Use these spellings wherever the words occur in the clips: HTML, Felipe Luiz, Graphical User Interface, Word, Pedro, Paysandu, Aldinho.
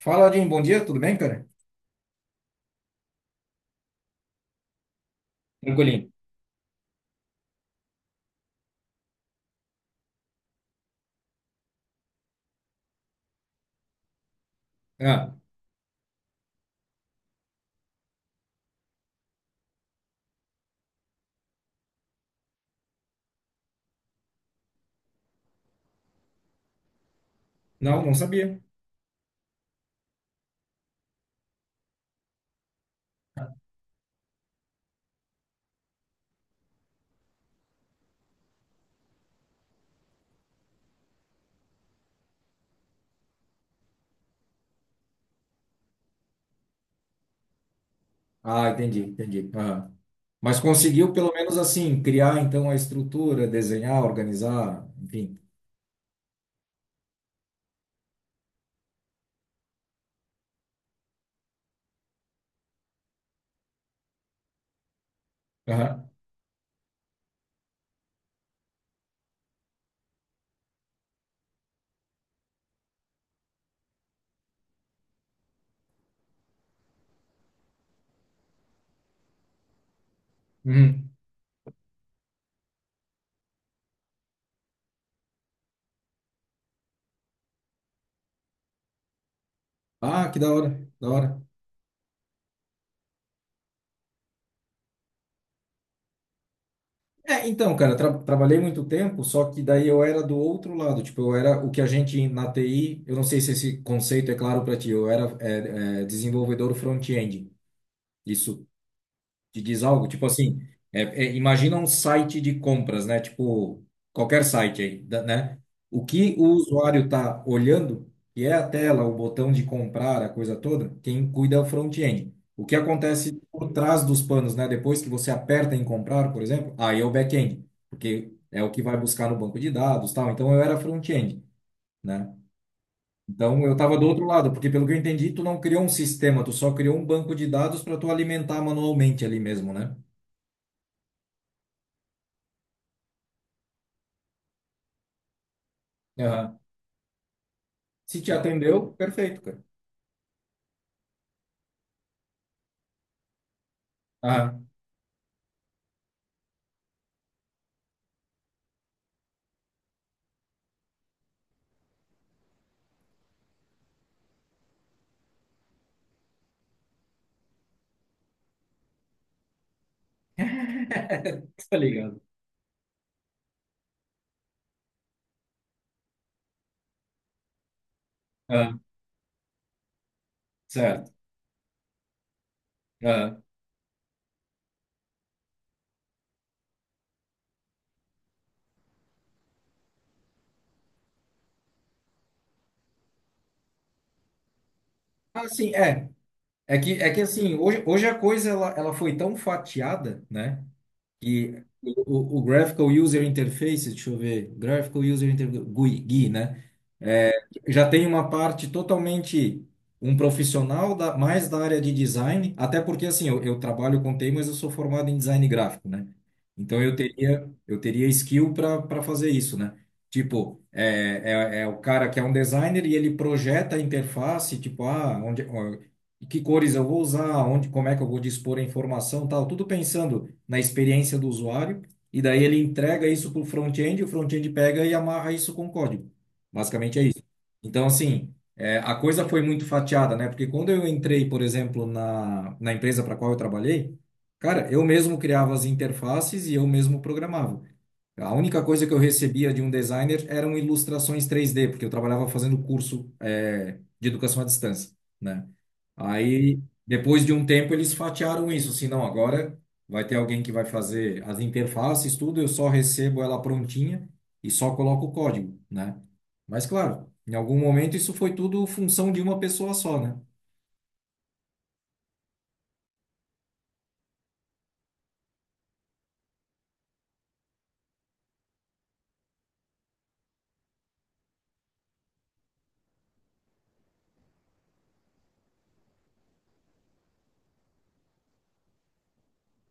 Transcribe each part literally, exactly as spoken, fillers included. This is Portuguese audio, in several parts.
Fala, Aldinho, bom dia, tudo bem, cara? Tranquilinho. Ah, não, não sabia. Ah, entendi, entendi. Aham. Mas conseguiu, pelo menos assim, criar então a estrutura, desenhar, organizar, enfim. Aham. Uhum. Ah, que da hora, da hora. É, então, cara, tra trabalhei muito tempo, só que daí eu era do outro lado, tipo, eu era o que a gente na T I, eu não sei se esse conceito é claro para ti, eu era é, é, desenvolvedor front-end. Isso te diz algo? Tipo assim, é- é, imagina um site de compras, né? Tipo, qualquer site aí, da- né? O que o usuário está olhando, que é a tela, o botão de comprar, a coisa toda, quem cuida é o front-end. O que acontece por trás dos panos, né? Depois que você aperta em comprar, por exemplo, aí é o back-end, porque é o que vai buscar no banco de dados, tal. Então eu era front-end, né? Então eu estava do outro lado, porque pelo que eu entendi, tu não criou um sistema, tu só criou um banco de dados para tu alimentar manualmente ali mesmo, né? Aham. Se te atendeu, perfeito, cara. Aham. Tá ligado? Aham. Certo. Aham. Ah, sim, é. É que, é que assim, hoje, hoje a coisa ela, ela foi tão fatiada, né? E o, o Graphical User Interface, deixa eu ver, Graphical User Interface, gui, gui, né? É, já tem uma parte totalmente um profissional da, mais da área de design, até porque assim, eu, eu trabalho com T I, mas eu sou formado em design gráfico, né? Então eu teria, eu teria skill para para fazer isso, né? Tipo, é, é, é o cara que é um designer e ele projeta a interface, tipo, ah, onde, e que cores eu vou usar, onde, como é que eu vou dispor a informação, tal, tudo pensando na experiência do usuário, e daí ele entrega isso para o front-end, o front-end pega e amarra isso com código. Basicamente é isso. Então, assim, é, a coisa foi muito fatiada, né? Porque quando eu entrei, por exemplo, na, na empresa para qual eu trabalhei, cara, eu mesmo criava as interfaces e eu mesmo programava. A única coisa que eu recebia de um designer eram ilustrações três D, porque eu trabalhava fazendo curso, é, de educação à distância, né? Aí, depois de um tempo, eles fatiaram isso, assim, não, agora vai ter alguém que vai fazer as interfaces, tudo, eu só recebo ela prontinha e só coloco o código, né? Mas, claro, em algum momento isso foi tudo função de uma pessoa só, né?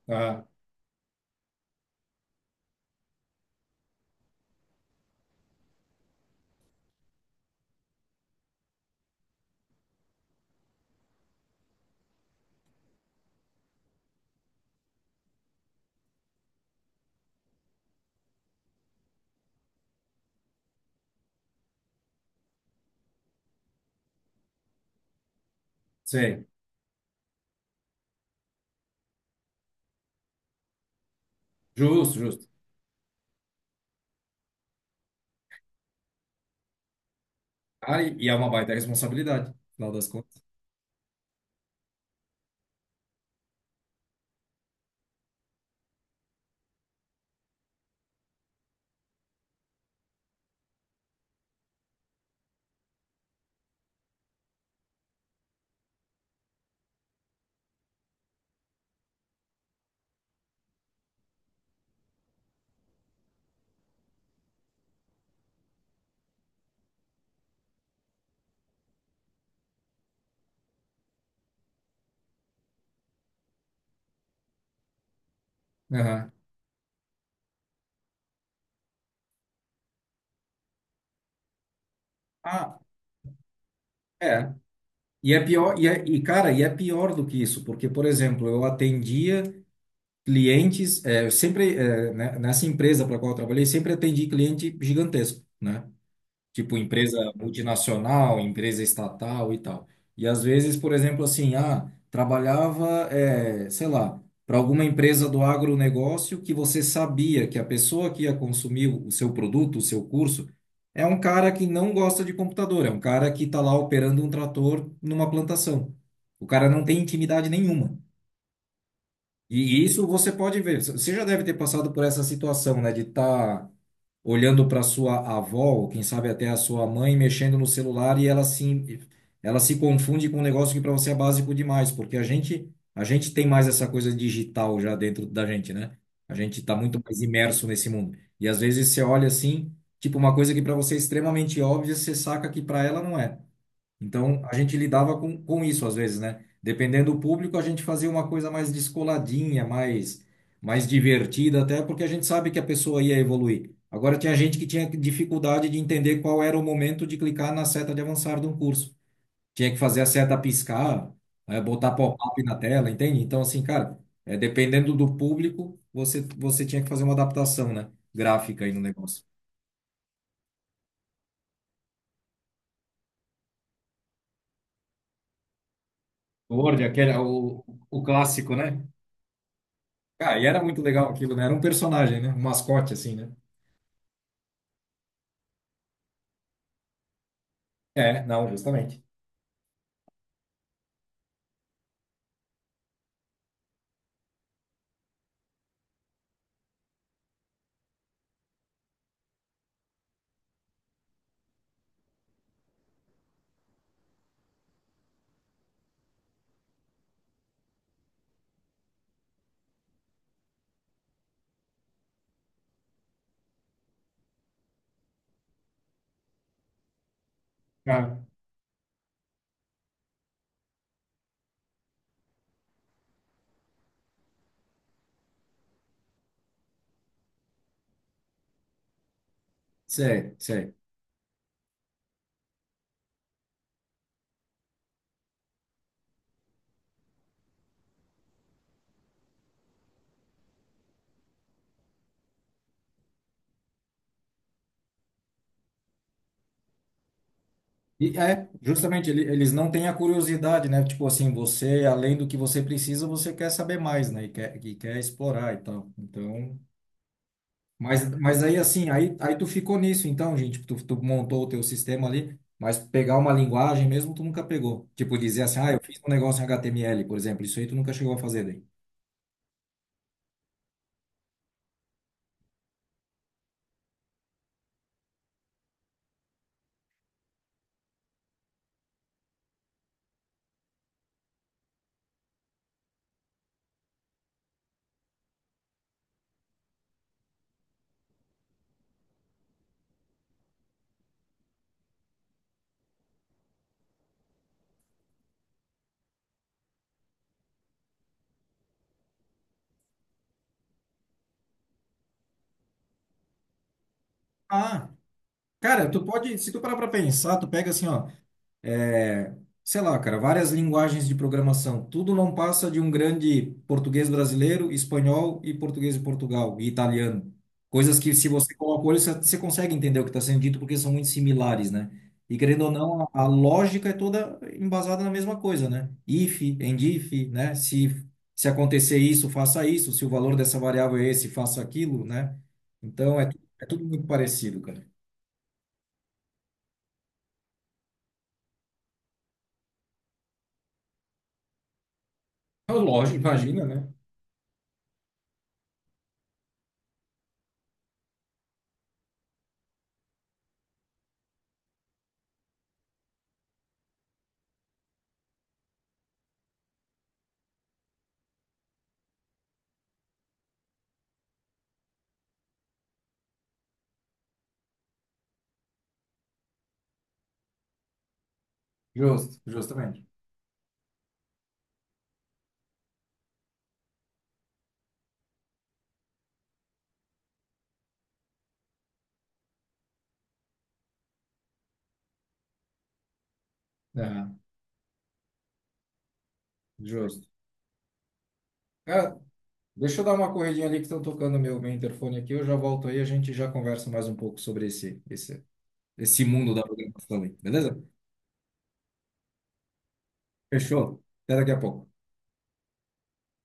Ah, sei. Justo, justo. Cara, e e é uma baita responsabilidade, afinal das contas. Aham. Ah, é. E é pior, e, é, e cara, e é pior do que isso, porque, por exemplo, eu atendia clientes, é, eu sempre, é, né, nessa empresa para qual eu trabalhei, sempre atendi cliente gigantesco, né? Tipo empresa multinacional, empresa estatal e tal. E às vezes, por exemplo, assim, ah, trabalhava, é, sei lá, para alguma empresa do agronegócio que você sabia que a pessoa que ia consumir o seu produto, o seu curso, é um cara que não gosta de computador, é um cara que está lá operando um trator numa plantação. O cara não tem intimidade nenhuma. E isso você pode ver. Você já deve ter passado por essa situação, né? De estar olhando para sua avó, ou quem sabe até a sua mãe, mexendo no celular e ela se, ela se confunde com um negócio que para você é básico demais, porque a gente, a gente tem mais essa coisa digital já dentro da gente, né? A gente está muito mais imerso nesse mundo. E às vezes você olha assim, tipo uma coisa que para você é extremamente óbvia, você saca que para ela não é. Então, a gente lidava com, com isso às vezes, né? Dependendo do público, a gente fazia uma coisa mais descoladinha, mais, mais divertida, até porque a gente sabe que a pessoa ia evoluir. Agora, tinha gente que tinha dificuldade de entender qual era o momento de clicar na seta de avançar de um curso. Tinha que fazer a seta piscar, eh, botar pop-up na tela, entende? Então, assim, cara, é, dependendo do público, você, você tinha que fazer uma adaptação, né? Gráfica aí no negócio. Word, aquele, o, o clássico, né? Ah, e era muito legal aquilo, né? Era um personagem, né? Um mascote, assim, né? É, não, justamente. Ah, sei, sei. E é, justamente, ele- eles não têm a curiosidade, né? Tipo assim, você, além do que você precisa, você quer saber mais, né? E quer, e quer explorar e tal. Então, mas, mas aí assim, aí, aí tu ficou nisso, então, gente, tu, tu montou o teu sistema ali, mas pegar uma linguagem mesmo, tu nunca pegou. Tipo, dizer assim, ah, eu fiz um negócio em H T M L, por exemplo, isso aí tu nunca chegou a fazer daí. Ah, cara, tu pode, se tu parar pra pensar, tu pega assim, ó. É, sei lá, cara, várias linguagens de programação. Tudo não passa de um grande português brasileiro, espanhol e português de Portugal e italiano. Coisas que, se você coloca o olho, você você consegue entender o que está sendo dito, porque são muito similares, né? E querendo ou não, a a lógica é toda embasada na mesma coisa, né? If, and if, né? Se, se acontecer isso, faça isso. Se o valor dessa variável é esse, faça aquilo, né? Então, é, tu- é tudo muito parecido, cara. Ah, lógico, imagina, né? Justo, justamente. É. Justo. Cara, deixa eu dar uma corridinha ali que estão tocando meu, meu interfone aqui. Eu já volto aí, a gente já conversa mais um pouco sobre esse, esse, esse mundo da programação aí, beleza? Fechou? Até daqui a pouco.